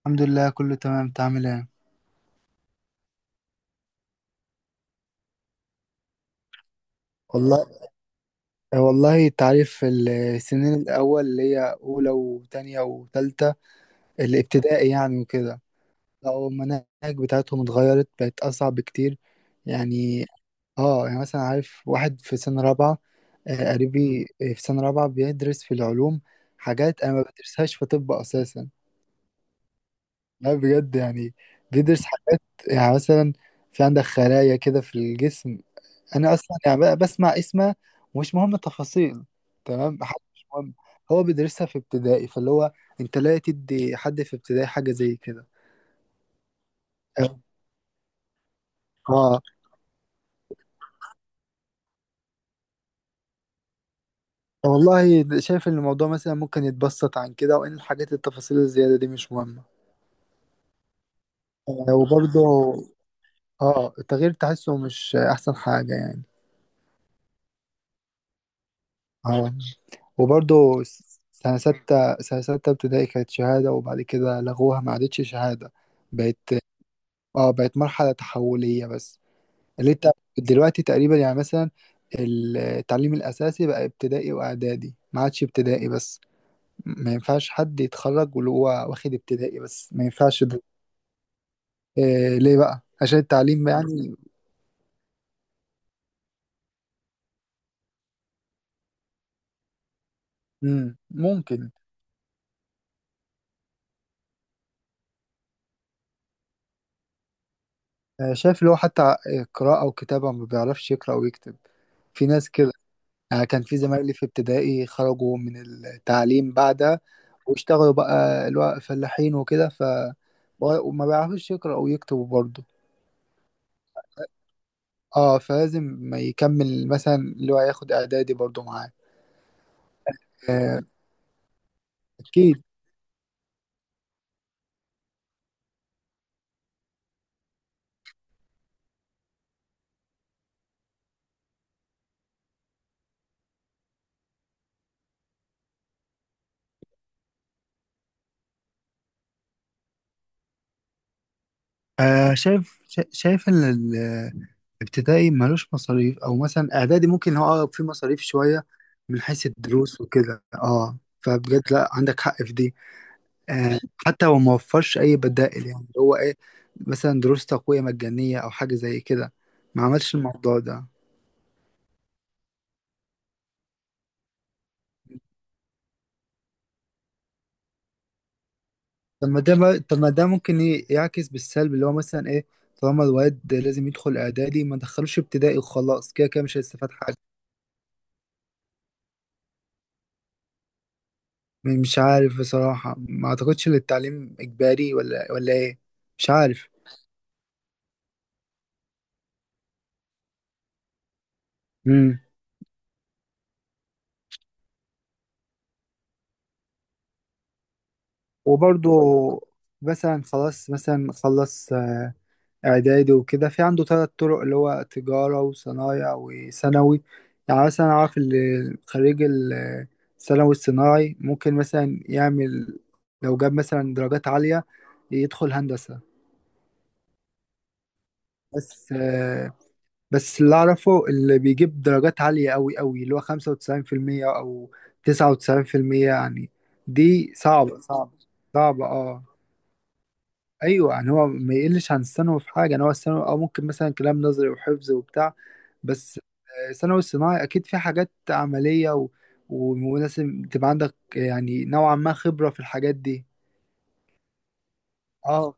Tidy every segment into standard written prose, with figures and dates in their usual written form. الحمد لله، كله تمام. انت عامل ايه؟ والله، والله انت عارف السنين الاول اللي هي اولى وتانية وتالتة الابتدائي يعني وكده. لو المناهج بتاعتهم اتغيرت بقت اصعب بكتير يعني. اه يعني مثلا عارف واحد في سنة رابعة، قريبي في سنة رابعة بيدرس في العلوم. حاجات انا ما بدرسهاش في طب اساسا. لا، بجد يعني. بيدرس حاجات يعني مثلا، في عندك خلايا كده في الجسم. انا اصلا يعني بقى بسمع اسمه ومش مهم التفاصيل. تمام، حاجة مش مهم. هو بيدرسها في ابتدائي، فاللي هو انت لا تدي حد في ابتدائي حاجه زي كده. اه. آه. والله شايف ان الموضوع مثلا ممكن يتبسط عن كده، وان الحاجات التفاصيل الزياده دي مش مهمه. آه، وبرضه اه التغيير تحسه مش احسن حاجه يعني. اه وبرضه سنه سته ابتدائي كانت شهاده، وبعد كده لغوها ما عادتش شهاده. بقت اه بقت مرحله تحوليه بس. اللي انت دلوقتي تقريبا يعني مثلا التعليم الأساسي بقى ابتدائي وإعدادي، ما عادش ابتدائي بس. ما ينفعش حد يتخرج واللي هو واخد ابتدائي بس، ما ينفعش ده. إيه ليه بقى؟ عشان التعليم يعني. ممكن. آه، شايف اللي هو حتى قراءة وكتابة ما بيعرفش يقرأ ويكتب. في ناس كده. يعني كان في زمايلي في ابتدائي خرجوا من التعليم بعدها، واشتغلوا بقى اللي هو فلاحين وكده، وما بيعرفوش يقرأوا ويكتبوا برضه. اه فلازم ما يكمل مثلا اللي هو ياخد اعدادي برضو معاه. آه، اكيد. آه شايف شا- شايف ان الابتدائي ملوش مصاريف، او مثلا اعدادي ممكن هو آه، في مصاريف شويه من حيث الدروس وكده. اه فبجد لا، عندك حق في دي. آه حتى هو ما وفرش اي بدائل، يعني اللي هو ايه، مثلا دروس تقويه مجانيه او حاجه زي كده. ما عملش الموضوع ده. طب ما ده ممكن يعكس بالسلب، اللي هو مثلا ايه، طالما الواد لازم يدخل اعدادي، ما دخلوش ابتدائي وخلاص، كده كده مش هيستفاد حاجه. مش عارف بصراحه، ما اعتقدش ان التعليم اجباري ولا ايه. مش عارف. امم وبرضه مثلا خلاص مثلا خلص، آه، اعدادي وكده، في عنده ثلاث طرق اللي هو تجارة وصنايع وثانوي. يعني مثلا اعرف اللي خريج الثانوي الصناعي ممكن مثلا يعمل، لو جاب مثلا درجات عالية، يدخل هندسة. بس آه، بس اللي اعرفه اللي بيجيب درجات عالية قوي قوي اللي هو 95% او 99% يعني. دي صعبة صعبة صعبة. اه ايوه يعني هو ما يقلش عن الثانوي في حاجه، يعني هو الثانوي او ممكن مثلا كلام نظري وحفظ وبتاع، بس آه، الثانوي الصناعي اكيد في حاجات عمليه و... ولازم تبقى عندك يعني نوعا ما خبره في الحاجات دي. اه.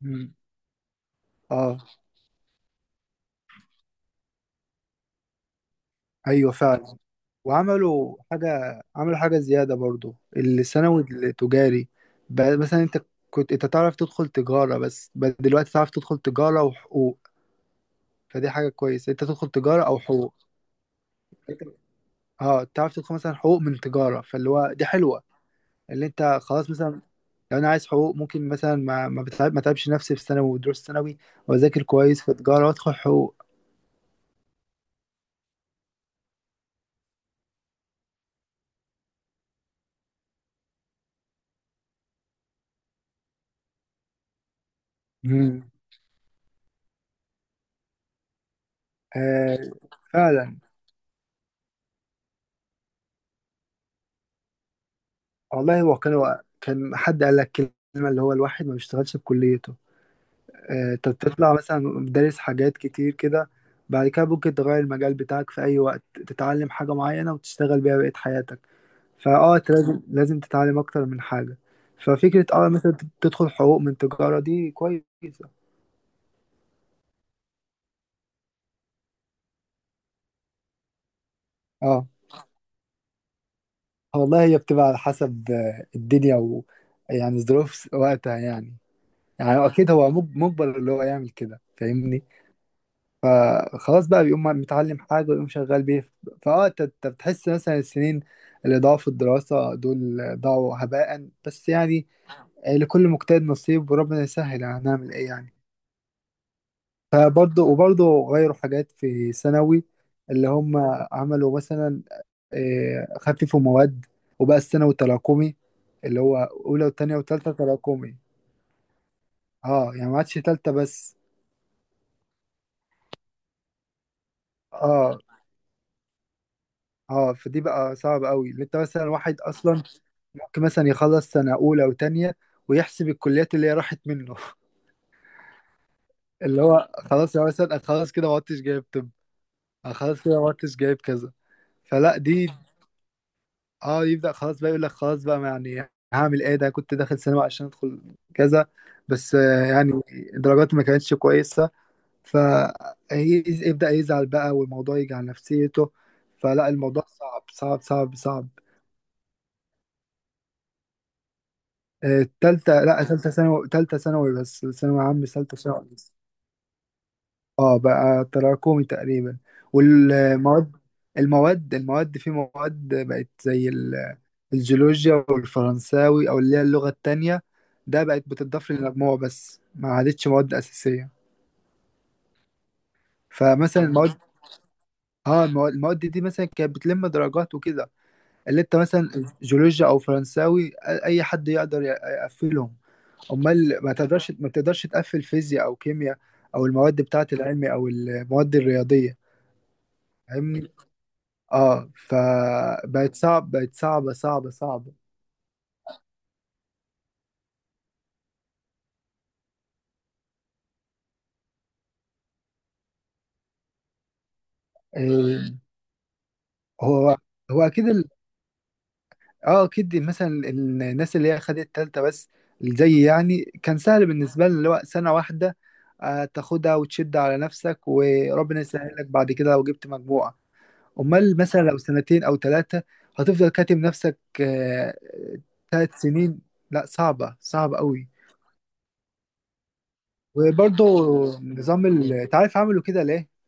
مم. اه، ايوه فعلا. وعملوا حاجه، عملوا حاجه زياده برضو الثانوي التجاري. بقى مثلا انت كنت انت تعرف تدخل تجاره بس، بقى دلوقتي تعرف تدخل تجاره وحقوق. فدي حاجه كويسه، انت تدخل تجاره او حقوق. اه تعرف تدخل مثلا حقوق من تجارة، فاللي هو دي حلوة. اللي انت خلاص مثلا لو انا عايز حقوق ممكن مثلا ما تعبش نفسي في ثانوي ودروس ثانوي، واذاكر كويس في تجارة وادخل حقوق. مم. آه فعلا. والله، هو كان حد قال لك كلمة اللي هو الواحد ما بيشتغلش بكليته. آه انت بتطلع مثلا دارس حاجات كتير كده، بعد كده ممكن تغير المجال بتاعك في اي وقت، تتعلم حاجة معينة وتشتغل بيها بقية حياتك. فاه انت لازم لازم تتعلم اكتر من حاجه. ففكره اه مثلا تدخل حقوق من تجاره دي كويسه. اه والله هي بتبقى على حسب آه، الدنيا و يعني ظروف وقتها يعني. يعني اكيد هو مجبر اللي هو يعمل كده، فاهمني. فخلاص بقى بيقوم متعلم حاجه ويقوم شغال بيه. فاه انت بتحس مثلا السنين اللي ضاعوا في الدراسه دول ضاعوا هباء بس يعني. آه، لكل مجتهد نصيب وربنا يسهل، هنعمل ايه يعني. وبرضه غيروا حاجات في ثانوي، اللي هم عملوا مثلا آه، خففوا مواد، وبقى الثانوي تراكمي اللي هو أولى وتانية وتالتة تراكمي. اه يعني ما عادش تالتة بس. اه اه فدي بقى صعب قوي، اللي انت مثلا واحد اصلا ممكن مثلا يخلص سنة أولى وتانية ويحسب الكليات اللي هي راحت منه اللي هو خلاص يا مثلا أنا خلاص كده ما عدتش جايب طب، أنا خلاص كده ما عدتش جايب كذا. فلا دي اه يبدأ خلاص بقى يقول لك خلاص بقى، ما يعني هعمل ايه، ده كنت داخل سينما عشان ادخل كذا، بس آه، يعني درجاتي ما كانتش كويسة. فيبدأ يزعل بقى والموضوع يجي على نفسيته. فلا الموضوع صعب صعب صعب صعب. آه، تالتة لا تالتة ثانوي، تالتة ثانوي بس، ثانوي عام بس، تالتة ثانوي بس. اه بقى تراكمي تقريبا. والمواد المواد المواد في مواد بقت زي الجيولوجيا والفرنساوي او اللي هي اللغة التانية. ده بقت بتضاف للمجموع بس ما عادتش مواد أساسية. فمثلا المواد، اه المواد دي مثلا كانت بتلم درجات وكده. اللي انت مثلا جيولوجيا او فرنساوي، اي حد يقدر يقفلهم. امال ما تقدرش، تقفل فيزياء او كيمياء، او المواد بتاعة العلمي او المواد الرياضية، فاهمني. اه فبقت صعب بقت صعبة صعبة صعبة. إيه. هو هو اكيد. اه اكيد مثلا الناس اللي هي خدت تالتة بس، زي يعني كان سهل بالنسبة لي، اللي هو سنة واحدة آه، تاخدها وتشد على نفسك، وربنا يسهل لك بعد كده لو جبت مجموعة. امال مثلا لو سنتين او ثلاثة، هتفضل كاتم نفسك. 3 سنين. لا صعبة صعبة قوي. وبرضه نظام انت عارف عملوا كده ليه؟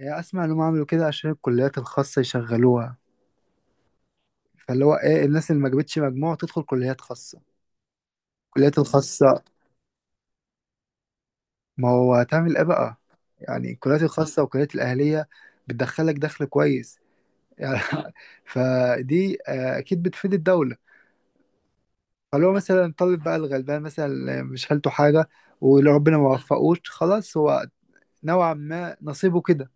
آه، اسمع انهم عملوا كده عشان الكليات الخاصة يشغلوها، فاللي هو ايه الناس اللي ما جابتش مجموع تدخل كليات خاصة. الكليات الخاصة، ما هو هتعمل ايه بقى، يعني الكليات الخاصة والكليات الأهلية بتدخلك دخل كويس يعني فدي آه، أكيد بتفيد الدولة. فلو مثلا الطالب بقى الغلبان مثلا اللي مش حالته حاجة، ولو ربنا ما وفقوش خلاص هو نوعا ما نصيبه كده.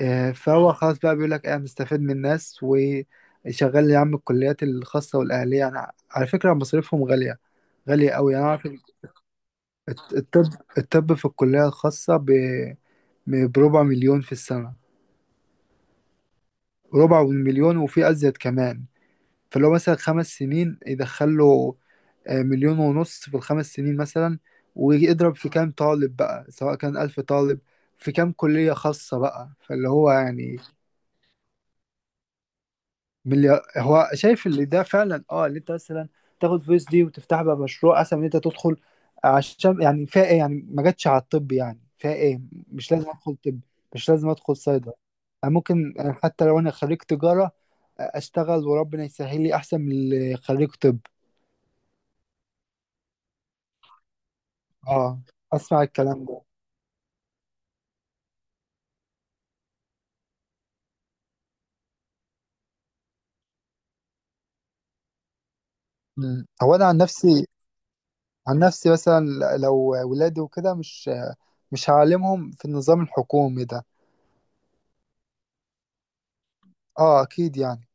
آه، فهو خلاص بقى بيقول لك إيه، أنا مستفيد من الناس وشغال يا عم. الكليات الخاصة والأهلية يعني على فكرة مصاريفهم غالية، غالية أوي يعني. أعرف الطب، الطب في الكلية الخاصة بربع مليون في السنة. ربع مليون، وفي أزيد كمان. فلو مثلا 5 سنين يدخله آه، مليون ونص في الخمس سنين مثلا. ويضرب في كام طالب بقى، سواء كان 1000 طالب في كام كلية خاصة بقى، فاللي هو يعني مليار. هو شايف اللي ده فعلا. اه اللي انت مثلا تاخد فلوس دي وتفتح بقى مشروع احسن من انت تدخل. عشان يعني فيها ايه يعني، ما جاتش على الطب، يعني فيها ايه، مش لازم ادخل طب، مش لازم ادخل صيدله. انا ممكن آه، حتى لو انا خريج تجاره آه، اشتغل وربنا يسهل لي، احسن من اللي خريج طب. اه اسمع الكلام ده. مم. هو انا عن نفسي مثلا لو ولادي وكده، مش هعلمهم في النظام الحكومي ده. اه اكيد يعني.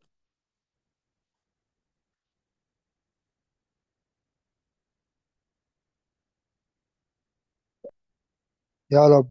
يا رب.